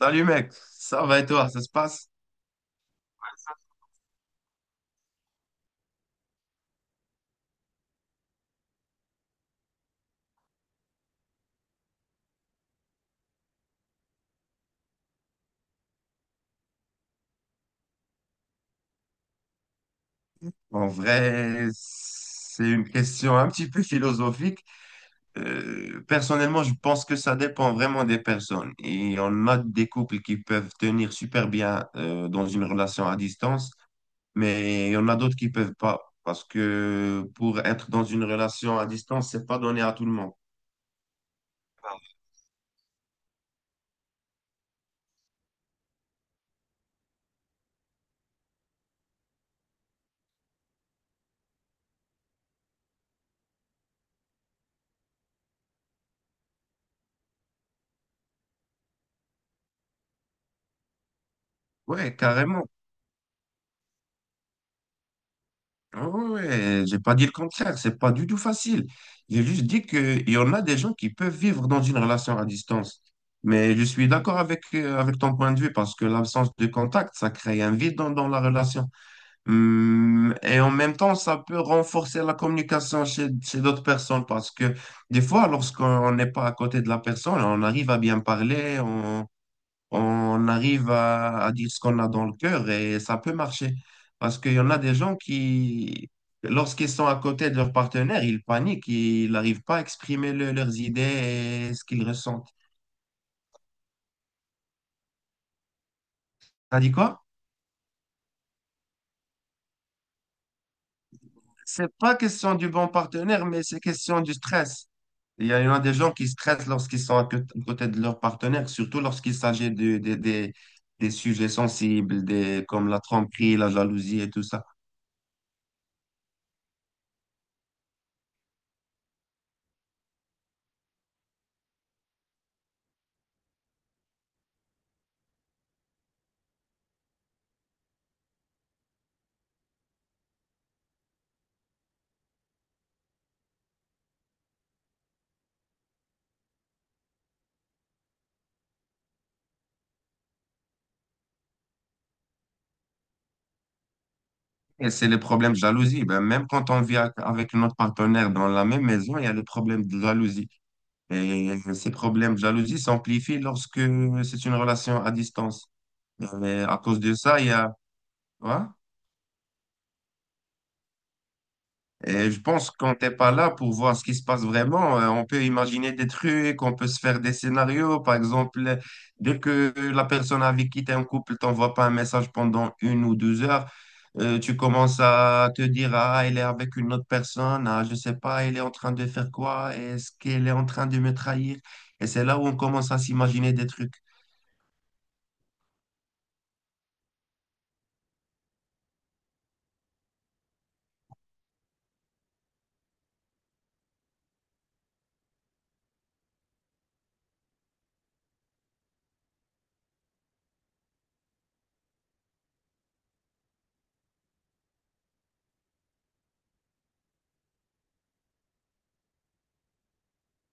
Salut mec, ça va et toi, ça se passe? En vrai, c'est une question un petit peu philosophique. Personnellement, je pense que ça dépend vraiment des personnes. Et on a des couples qui peuvent tenir super bien dans une relation à distance, mais il y en a d'autres qui peuvent pas. Parce que pour être dans une relation à distance, c'est pas donné à tout le monde. Ouais, carrément. Ah ouais, ouais, j'ai pas dit le contraire, c'est pas du tout facile. J'ai juste dit qu'il y en a des gens qui peuvent vivre dans une relation à distance. Mais je suis d'accord avec ton point de vue parce que l'absence de contact, ça crée un vide dans la relation. Et en même temps, ça peut renforcer la communication chez d'autres personnes parce que des fois, lorsqu'on n'est pas à côté de la personne, on arrive à bien parler, on arrive à dire ce qu'on a dans le cœur et ça peut marcher. Parce qu'il y en a des gens qui, lorsqu'ils sont à côté de leur partenaire, ils paniquent, ils n'arrivent pas à exprimer leurs idées et ce qu'ils ressentent. T'as dit quoi? C'est pas question du bon partenaire, mais c'est question du stress. Il y en a des gens qui stressent lorsqu'ils sont à côté de leur partenaire, surtout lorsqu'il s'agit des sujets sensibles, comme la tromperie, la jalousie et tout ça. Et c'est le problème de jalousie. Ben, même quand on vit avec notre partenaire dans la même maison, il y a le problème de jalousie. Et ces problèmes de jalousie s'amplifient lorsque c'est une relation à distance. Et à cause de ça, il y a... Ouais. Et je pense que quand t'es pas là pour voir ce qui se passe vraiment, on peut imaginer des trucs, on peut se faire des scénarios. Par exemple, dès que la personne avec qui t'es en couple t'envoie pas un message pendant 1 ou 2 heures, tu commences à te dire, ah, elle est avec une autre personne, ah, je sais pas, elle est en train de faire quoi, est-ce qu'elle est en train de me trahir? Et c'est là où on commence à s'imaginer des trucs.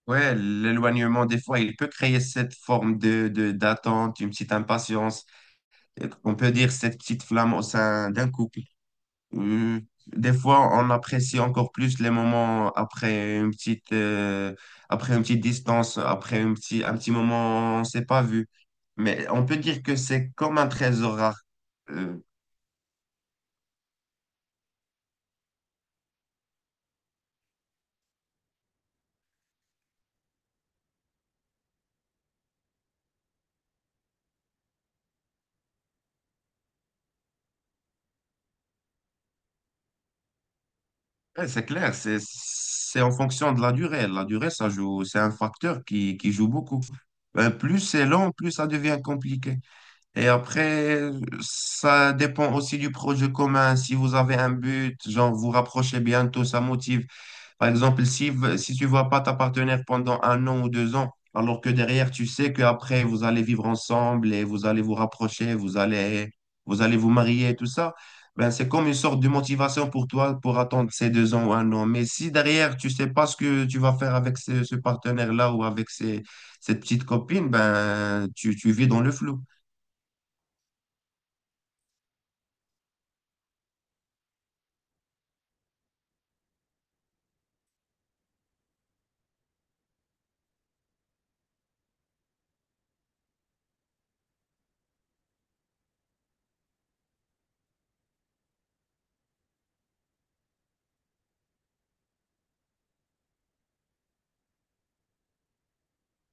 Ouais, l'éloignement, des fois, il peut créer cette forme d'attente, une petite impatience, on peut dire, cette petite flamme au sein d'un couple. Euh, des fois, on apprécie encore plus les moments après après une petite distance, après un petit moment, on ne s'est pas vu. Mais on peut dire que c'est comme un trésor rare. Euh, ouais, c'est clair, c'est en fonction de la durée. La durée, ça joue, c'est un facteur qui joue beaucoup. Plus c'est long, plus ça devient compliqué. Et après, ça dépend aussi du projet commun. Si vous avez un but, genre vous rapprochez bientôt, ça motive. Par exemple, si tu vois pas ta partenaire pendant 1 an ou 2 ans, alors que derrière, tu sais qu'après, vous allez vivre ensemble et vous allez vous rapprocher, vous allez, vous allez vous marier, tout ça, ben, c'est comme une sorte de motivation pour toi pour attendre ces 2 ans ou 1 an. Mais si derrière, tu sais pas ce que tu vas faire avec ce partenaire-là ou avec cette petite copine, ben, tu vis dans le flou.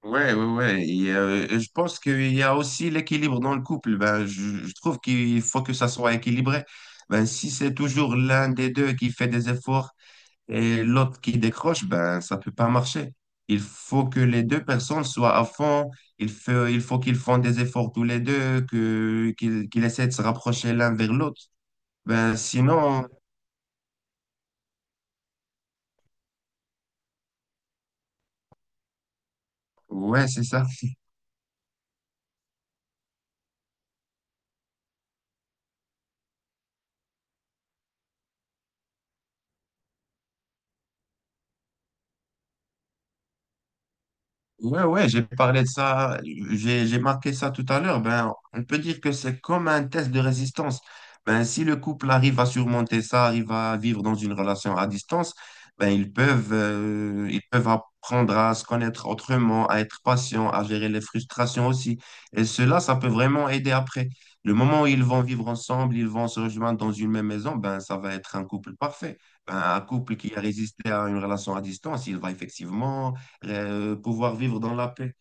Ouais, ouais, ouais. Et je pense qu'il y a aussi l'équilibre dans le couple. Ben, je trouve qu'il faut que ça soit équilibré. Ben, si c'est toujours l'un des deux qui fait des efforts et l'autre qui décroche, ben, ça peut pas marcher. Il faut que les deux personnes soient à fond. Il faut qu'ils font des efforts tous les deux, qu'ils essaient de se rapprocher l'un vers l'autre. Ben, sinon, ouais, c'est ça. Ouais, ouais, j'ai parlé de ça, j'ai marqué ça tout à l'heure. Ben, on peut dire que c'est comme un test de résistance. Ben, si le couple arrive à surmonter ça, arrive à vivre dans une relation à distance, ben, ils peuvent apprendre à se connaître autrement, à être patient, à gérer les frustrations aussi. Et cela, ça peut vraiment aider après. Le moment où ils vont vivre ensemble, ils vont se rejoindre dans une même maison, ben, ça va être un couple parfait. Ben, un couple qui a résisté à une relation à distance, il va effectivement pouvoir vivre dans la paix.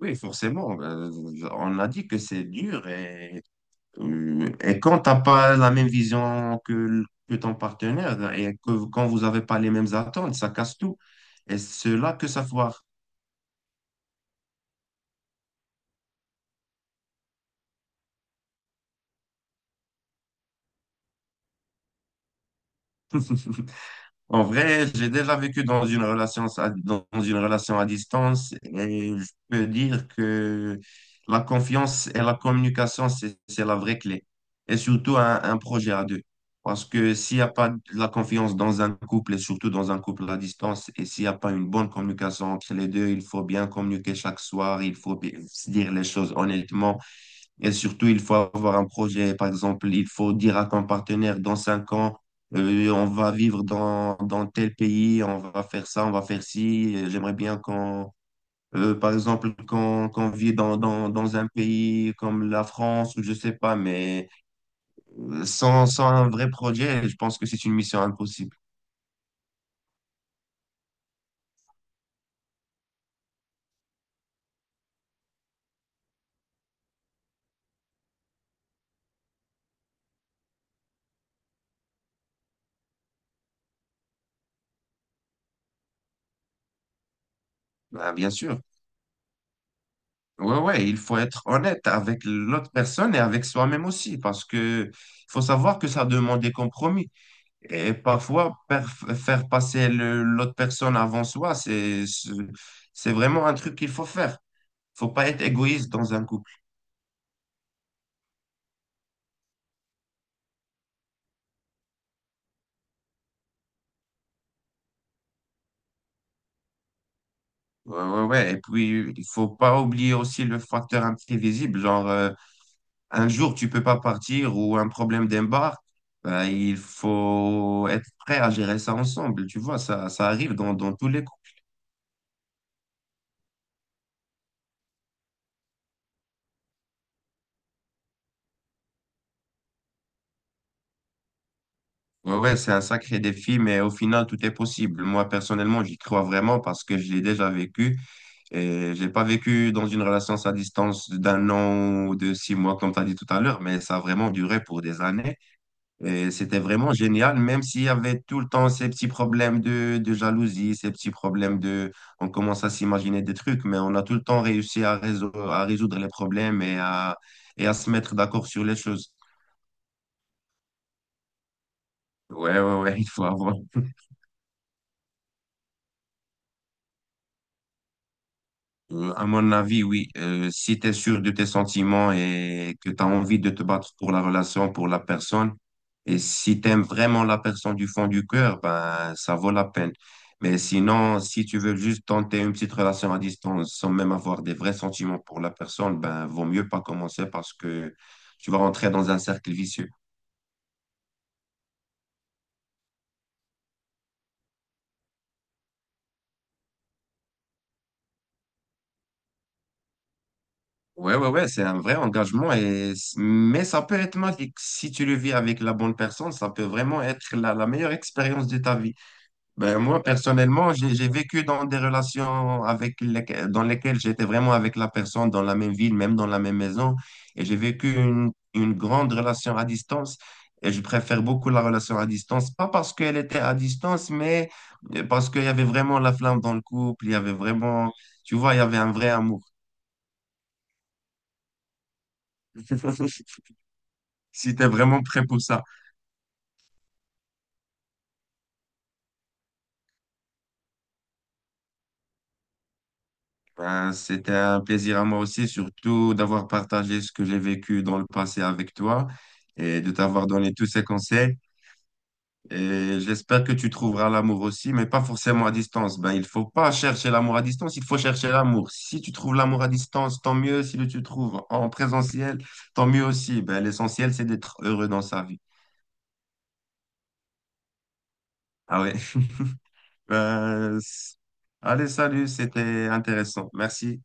Oui, forcément, on a dit que c'est dur et quand t'as pas la même vision que ton partenaire et que quand vous n'avez pas les mêmes attentes, ça casse tout. Et c'est là que ça foire. En vrai, j'ai déjà vécu dans une relation à distance et je peux dire que la confiance et la communication, c'est la vraie clé. Et surtout un projet à deux. Parce que s'il n'y a pas de la confiance dans un couple et surtout dans un couple à distance et s'il n'y a pas une bonne communication entre les deux, il faut bien communiquer chaque soir, il faut bien se dire les choses honnêtement. Et surtout, il faut avoir un projet. Par exemple, il faut dire à ton partenaire, dans 5 ans, on va vivre dans tel pays, on va faire ça, on va faire ci. J'aimerais bien qu'on, par exemple, qu'on qu'on vit dans un pays comme la France ou je sais pas, mais sans un vrai projet, je pense que c'est une mission impossible. Ben, bien sûr. Ouais, ouais, il faut être honnête avec l'autre personne et avec soi-même aussi, parce que faut savoir que ça demande des compromis. Et parfois, faire passer l'autre personne avant soi, c'est vraiment un truc qu'il faut faire. Faut pas être égoïste dans un couple. Ouais, ouais, ouais. Et puis, il faut pas oublier aussi le facteur imprévisible. Genre, un jour, tu peux pas partir ou un problème d'embarque. Bah, il faut être prêt à gérer ça ensemble. Tu vois, ça arrive dans tous les couples. Ouais, ouais, c'est un sacré défi, mais au final, tout est possible. Moi, personnellement, j'y crois vraiment parce que je l'ai déjà vécu. Et j'ai pas vécu dans une relation à distance d'un an ou de 6 mois, comme tu as dit tout à l'heure, mais ça a vraiment duré pour des années. Et c'était vraiment génial, même s'il y avait tout le temps ces petits problèmes de jalousie, ces petits problèmes de... On commence à s'imaginer des trucs, mais on a tout le temps réussi à résoudre les problèmes et à se mettre d'accord sur les choses. Ouais, ouais, ouais, il faut avoir à mon avis, oui. Si tu es sûr de tes sentiments et que tu as envie de te battre pour la relation, pour la personne, et si tu aimes vraiment la personne du fond du cœur, ben, ça vaut la peine. Mais sinon, si tu veux juste tenter une petite relation à distance sans même avoir des vrais sentiments pour la personne, ben, vaut mieux pas commencer parce que tu vas rentrer dans un cercle vicieux. Ouais, ouais, ouais, c'est un vrai engagement et, mais ça peut être magique. Si tu le vis avec la bonne personne, ça peut vraiment être la meilleure expérience de ta vie. Ben, moi, personnellement, j'ai vécu dans des relations dans lesquelles j'étais vraiment avec la personne dans la même ville, même dans la même maison. Et j'ai vécu une grande relation à distance. Et je préfère beaucoup la relation à distance, pas parce qu'elle était à distance, mais parce qu'il y avait vraiment la flamme dans le couple. Il y avait vraiment, tu vois, il y avait un vrai amour. Si tu es vraiment prêt pour ça. Ben, c'était un plaisir à moi aussi, surtout d'avoir partagé ce que j'ai vécu dans le passé avec toi et de t'avoir donné tous ces conseils. Et j'espère que tu trouveras l'amour aussi, mais pas forcément à distance. Ben, il faut pas chercher l'amour à distance, il faut chercher l'amour. Si tu trouves l'amour à distance, tant mieux. Si tu le trouves en présentiel, tant mieux aussi. Ben, l'essentiel, c'est d'être heureux dans sa vie. Ah ouais. Ben, allez, salut, c'était intéressant. Merci.